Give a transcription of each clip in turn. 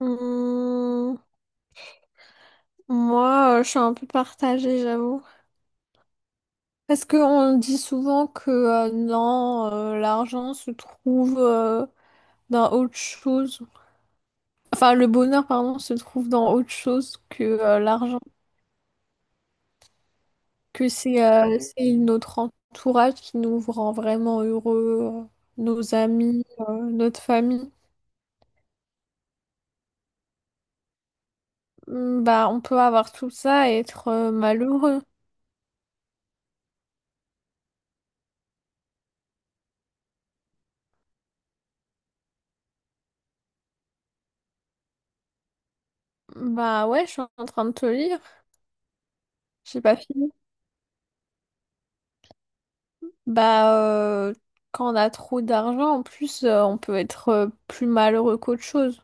Hum, moi, je suis un peu partagée, j'avoue. Parce qu'on dit souvent que non, l'argent se trouve dans autre chose. Enfin, le bonheur, pardon, se trouve dans autre chose que l'argent. Que c'est C'est notre entourage qui nous rend vraiment heureux, nos amis, notre famille. On peut avoir tout ça et être malheureux. Bah ouais, je suis en train de te lire. J'ai pas fini. Bah, euh, Quand on a trop d'argent, en plus, on peut être plus malheureux qu'autre chose.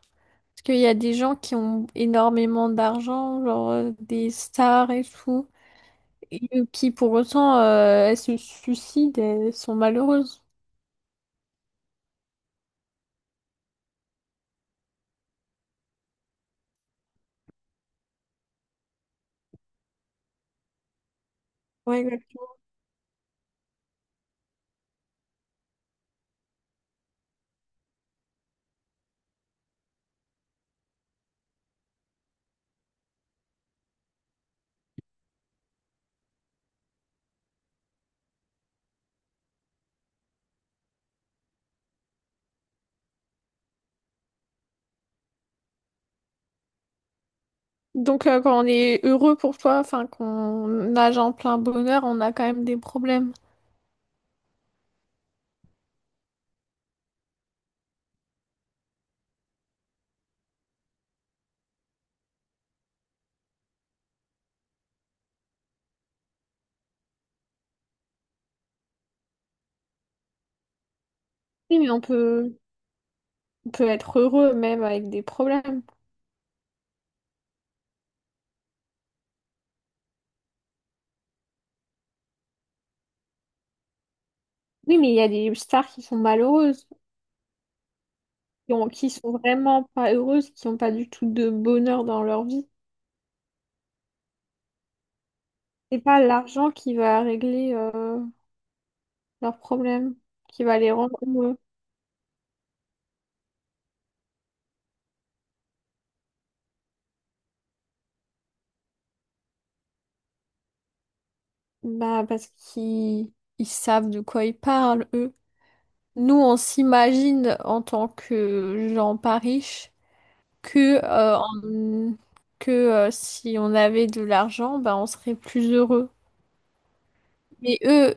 Parce qu'il y a des gens qui ont énormément d'argent, genre des stars et tout, et qui pour autant, elles se suicident, elles sont malheureuses. Ouais, exact. Donc, quand on est heureux pour toi, enfin, qu'on nage en plein bonheur, on a quand même des problèmes. Oui, on peut être heureux même avec des problèmes. Oui, mais il y a des stars qui sont malheureuses, qui sont vraiment pas heureuses, qui n'ont pas du tout de bonheur dans leur vie. C'est pas l'argent qui va régler leurs problèmes, qui va les rendre heureux. Bah, parce qu'ils savent de quoi ils parlent, eux. Nous, on s'imagine en tant que gens pas riches que, que si on avait de l'argent, bah, on serait plus heureux. Mais eux,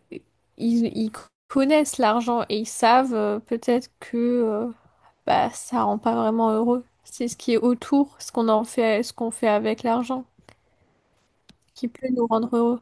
ils connaissent l'argent et ils savent peut-être que bah, ça rend pas vraiment heureux. C'est ce qui est autour, ce qu'on en fait, ce qu'on fait avec l'argent, qui peut nous rendre heureux.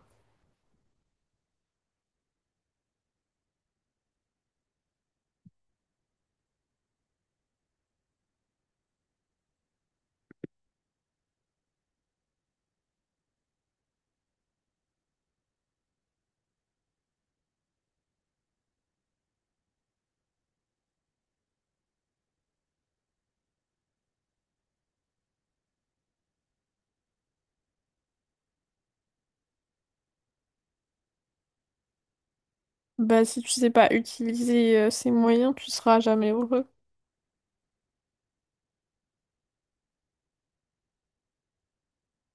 Bah, si tu sais pas utiliser ces moyens, tu seras jamais heureux.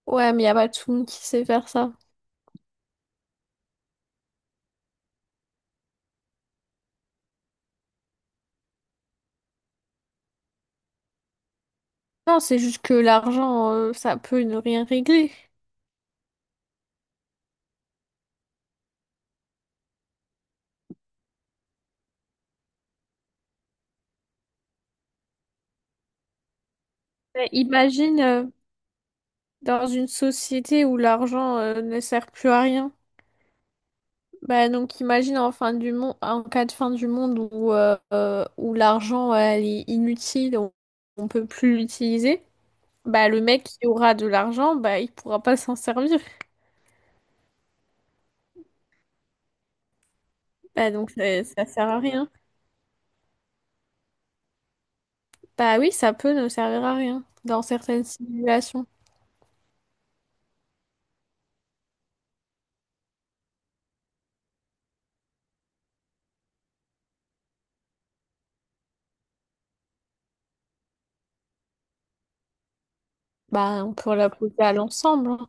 Ouais, mais y a pas tout le monde qui sait faire ça. Non, c'est juste que l'argent, ça peut ne rien régler. Mais imagine dans une société où l'argent ne sert plus à rien. Bah, donc imagine en fin du monde, en cas de fin du monde où, où l'argent elle est inutile, on peut plus l'utiliser, bah le mec qui aura de l'argent, bah il pourra pas s'en servir. Bah donc ça sert à rien. Bah oui, ça peut ne servir à rien dans certaines simulations. Bah on peut l'appliquer à l'ensemble, hein.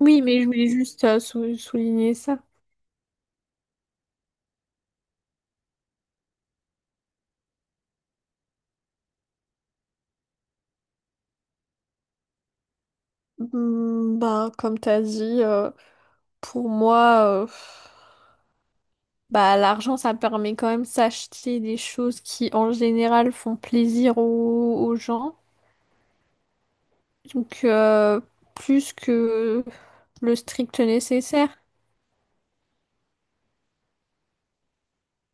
Oui, mais je voulais juste souligner ça. Hmm, bah comme t'as dit, pour moi, bah, l'argent, ça permet quand même de s'acheter des choses qui, en général, font plaisir aux, aux gens. Donc, plus que le strict nécessaire.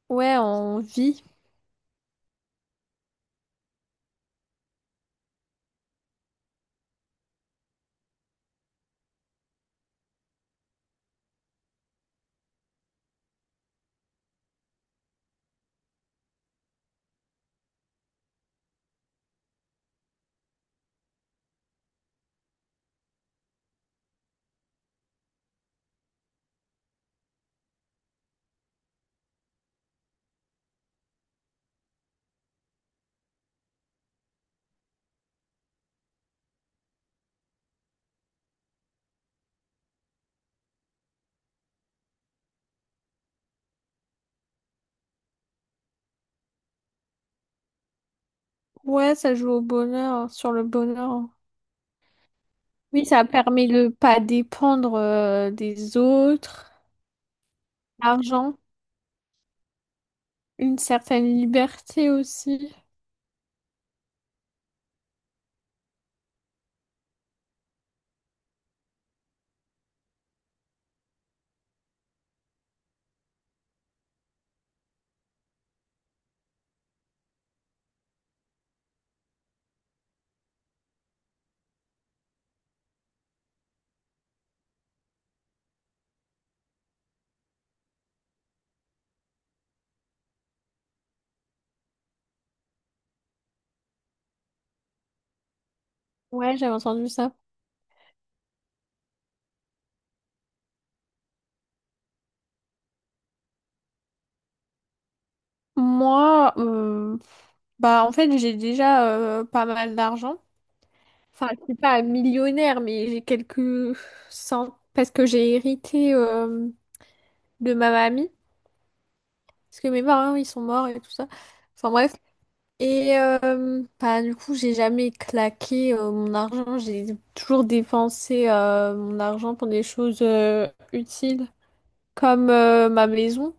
Ouais, on vit. Ouais, ça joue au bonheur, sur le bonheur. Oui, ça permet de pas dépendre, des autres. L'argent, une certaine liberté aussi. Ouais, j'avais entendu ça. Moi, bah, en fait, j'ai déjà, pas mal d'argent. Enfin, je suis pas millionnaire, mais j'ai quelques cent... Parce que j'ai hérité de ma mamie. Parce que mes parents, ils sont morts et tout ça. Enfin bref. Et bah, du coup, j'ai jamais claqué mon argent. J'ai toujours dépensé mon argent pour des choses utiles, comme ma maison.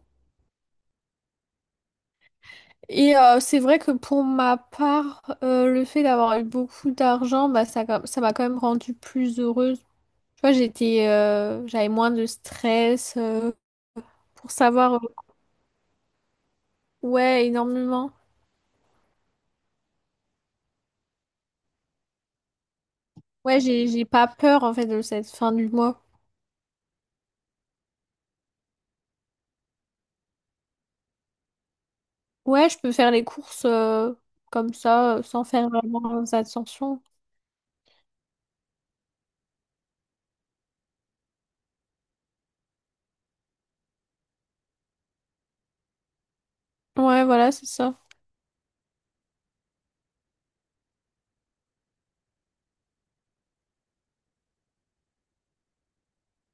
Et c'est vrai que pour ma part, le fait d'avoir eu beaucoup d'argent, bah, ça m'a quand même rendue plus heureuse. Tu vois, j'avais moins de stress pour savoir, ouais, énormément. Ouais, j'ai pas peur en fait de cette fin du mois. Ouais, je peux faire les courses comme ça, sans faire vraiment attention. Ouais, voilà, c'est ça.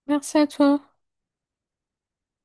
Merci à toi.